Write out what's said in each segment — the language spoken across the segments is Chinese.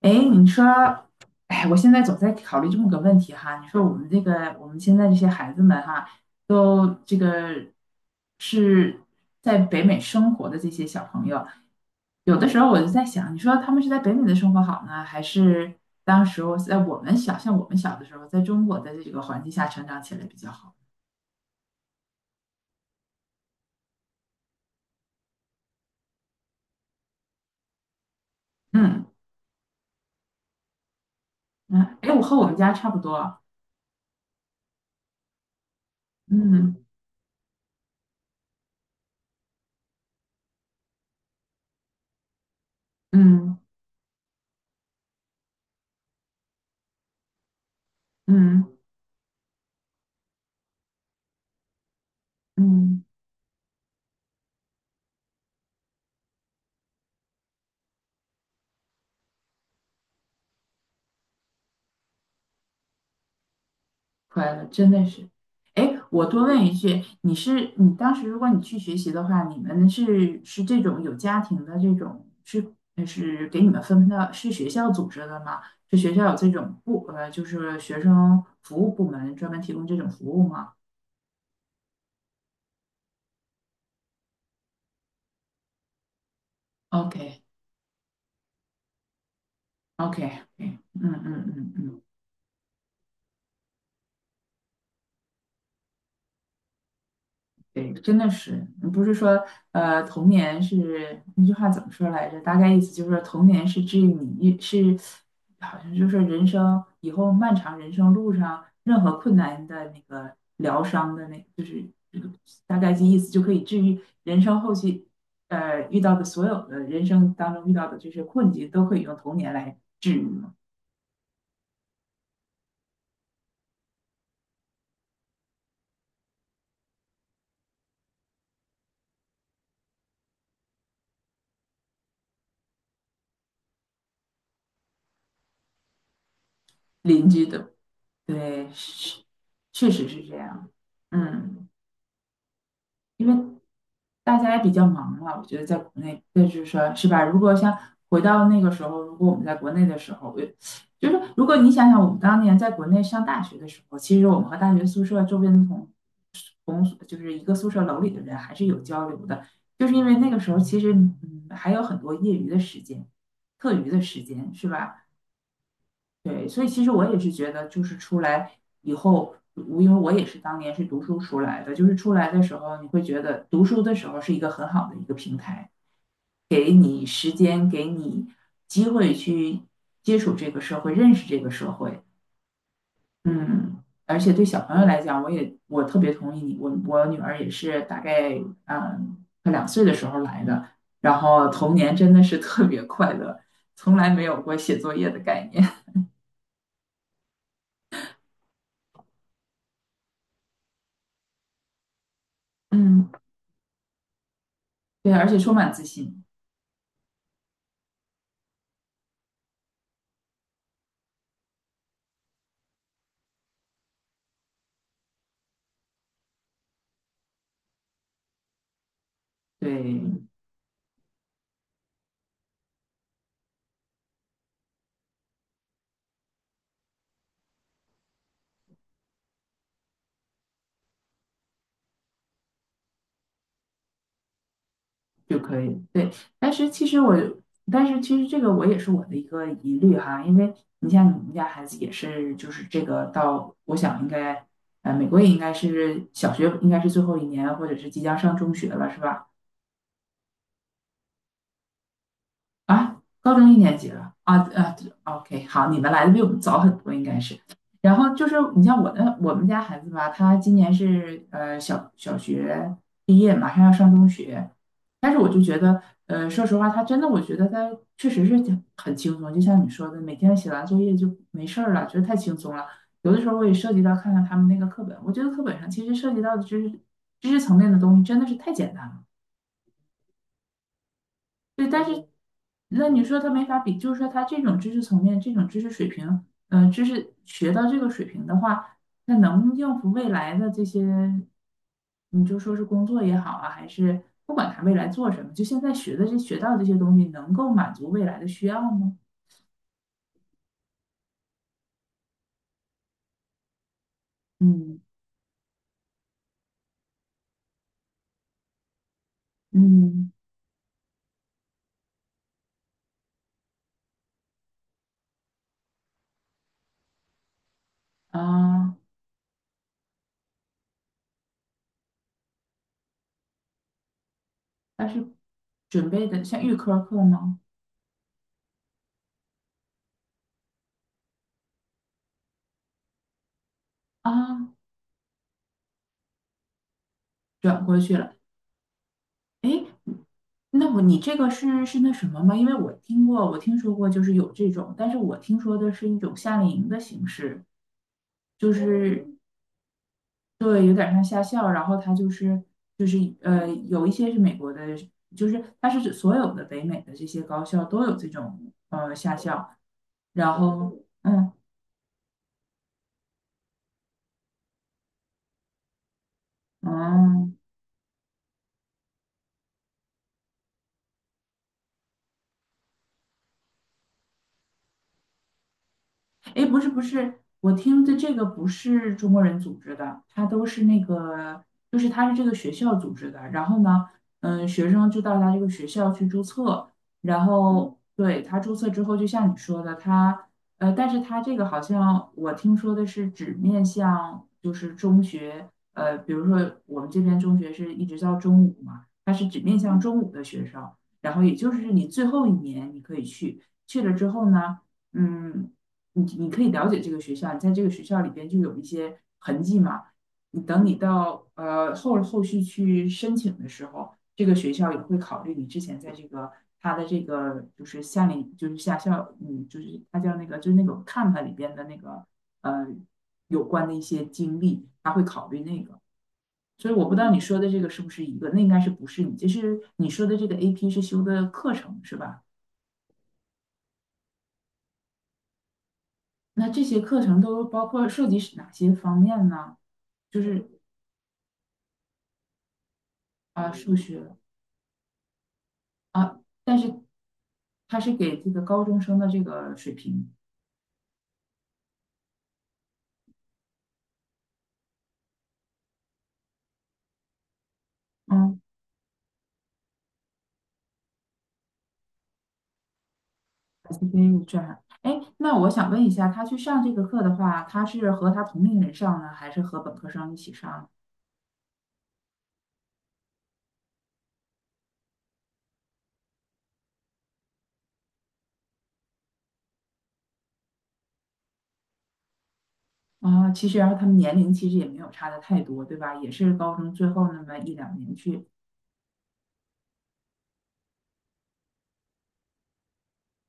哎，你说，哎，我现在总在考虑这么个问题哈。你说我们现在这些孩子们哈，都这个是在北美生活的这些小朋友，有的时候我就在想，你说他们是在北美的生活好呢，还是当时候在我们小，像我们小的时候，在中国的这个环境下成长起来比较好？嗯嗯，哎，我和我们家差不多。嗯嗯嗯嗯。嗯，快乐真的是，哎，我多问一句，你是你当时如果你去学习的话，你们是这种有家庭的这种是给你们分配到是学校组织的吗？是学校有这种就是学生服务部门专门提供这种服务吗？OK， OK， OK，嗯嗯嗯嗯。对，真的是，不是说童年是那句话怎么说来着？大概意思就是说，童年是治愈你，是好像就是人生以后漫长人生路上任何困难的那个疗伤的那，就是这个大概这意思就可以治愈人生后期遇到的所有的人生当中遇到的这些困境，都可以用童年来治愈嘛。邻居的，对，是确实是这样，嗯。因为大家也比较忙了，我觉得在国内，这就是说，是吧？如果像回到那个时候，如果我们在国内的时候，我就是如果你想想我们当年在国内上大学的时候，其实我们和大学宿舍周边的同就是一个宿舍楼里的人还是有交流的，就是因为那个时候其实嗯还有很多业余的时间、课余的时间，是吧？对，所以其实我也是觉得，就是出来以后，我因为我也是当年是读书出来的，就是出来的时候，你会觉得读书的时候是一个很好的一个平台，给你时间，给你机会去接触这个社会，认识这个社会。嗯，而且对小朋友来讲，我特别同意你，我女儿也是大概嗯快两岁的时候来的，然后童年真的是特别快乐，从来没有过写作业的概念。嗯，对，而且充满自信。对，就可以，对。但是其实我，但是其实这个我也是我的一个疑虑哈，因为你像你们家孩子也是，就是这个到，我想应该，美国也应该是小学应该是最后一年，或者是即将上中学了，是吧？啊，高中一年级了啊啊对，OK，好，你们来的比我们早很多，应该是。然后就是你像我的我们家孩子吧，他今年是小学毕业，马上要上中学，但是我就觉得，说实话，他真的，我觉得他确实是挺很轻松，就像你说的，每天写完作业就没事儿了，觉得太轻松了。有的时候我也涉及到看看他们那个课本，我觉得课本上其实涉及到的知识层面的东西真的是太简单了。对，但是那你说他没法比，就是说他这种知识层面、这种知识水平，嗯、知识学到这个水平的话，那能应付未来的这些，你就说是工作也好啊，还是不管他未来做什么，就现在学的这学到这些东西，能够满足未来的需要吗？嗯嗯啊，但是准备的像预科课吗？啊，转过去了。哎，那我你这个是是那什么吗？因为我听过，我听说过，就是有这种，但是我听说的是一种夏令营的形式，就是对，有点像夏校，然后它就是有一些是美国的，就是它是指所有的北美的这些高校都有这种夏校，然后嗯嗯。哎，不是不是，我听的这个不是中国人组织的，它都是那个，就是他是这个学校组织的。然后呢，嗯，学生就到他这个学校去注册，然后对他注册之后，就像你说的，他但是他这个好像我听说的是只面向就是中学，比如说我们这边中学是一直到中午嘛，他是只面向嗯中午的学生，然后也就是你最后一年你可以去，去了之后呢。嗯，你你可以了解这个学校，你在这个学校里边就有一些痕迹嘛。你等你到后续去申请的时候，这个学校也会考虑你之前在这个它的这个就是夏校，嗯，就是它叫那个就是那种看看里边的那个呃有关的一些经历，他会考虑那个。所以我不知道你说的这个是不是一个，那应该是不是你？就是你说的这个 AP 是修的课程是吧？那这些课程都包括涉及哪些方面呢？就是啊，数学啊，但是他是给这个高中生的这个水平，嗯， s P a 这样。哎，那我想问一下，他去上这个课的话，他是和他同龄人上呢，还是和本科生一起上？啊，其实然后他们年龄其实也没有差的太多，对吧？也是高中最后那么一两年去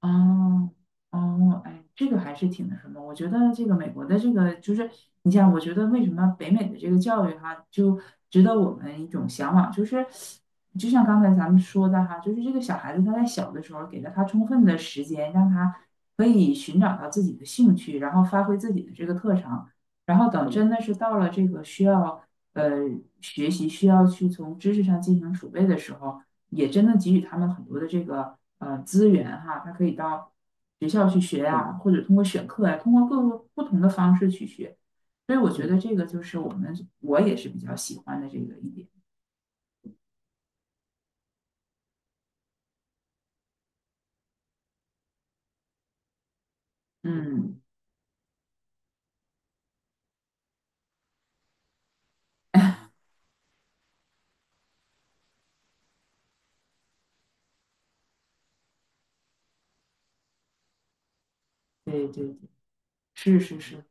哦哦，哎，这个还是挺那什么。我觉得这个美国的这个就是，你像我觉得为什么北美的这个教育哈，就值得我们一种向往，就是就像刚才咱们说的哈，就是这个小孩子他在小的时候给了他充分的时间，让他可以寻找到自己的兴趣，然后发挥自己的这个特长，然后等嗯真的是到了这个需要呃学习需要去从知识上进行储备的时候。也真的给予他们很多的这个资源哈，他可以到学校去学啊，嗯或者通过选课呀、通过各个不同的方式去学。所以我觉得这个就是我们我也是比较喜欢的这个一点。嗯，对对对，是是是。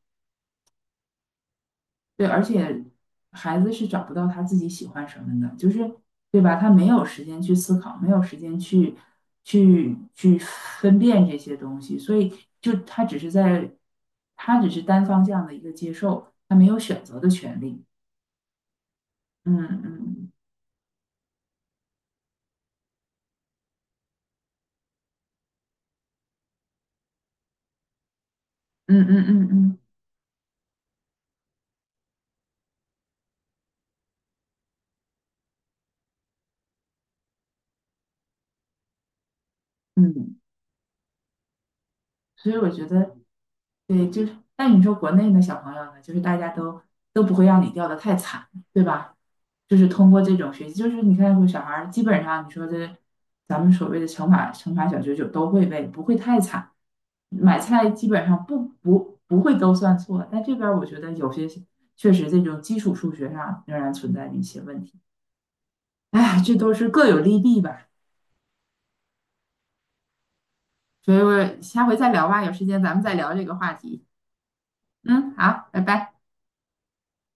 对，而且孩子是找不到他自己喜欢什么的，就是对吧？他没有时间去思考，没有时间去分辨这些东西，所以就他只是在，他只是单方向的一个接受，他没有选择的权利。嗯嗯嗯嗯嗯嗯嗯，所以我觉得。对，就是，但你说国内的小朋友呢，就是大家都不会让你掉的太惨，对吧？就是通过这种学习，就是你看，有小孩儿基本上你说这，咱们所谓的乘法小九九都会背，不会太惨。买菜基本上不会都算错，但这边儿我觉得有些确实这种基础数学上仍然存在着一些问题。哎，这都是各有利弊吧，所以我下回再聊吧，有时间咱们再聊这个话题。嗯，好，拜拜。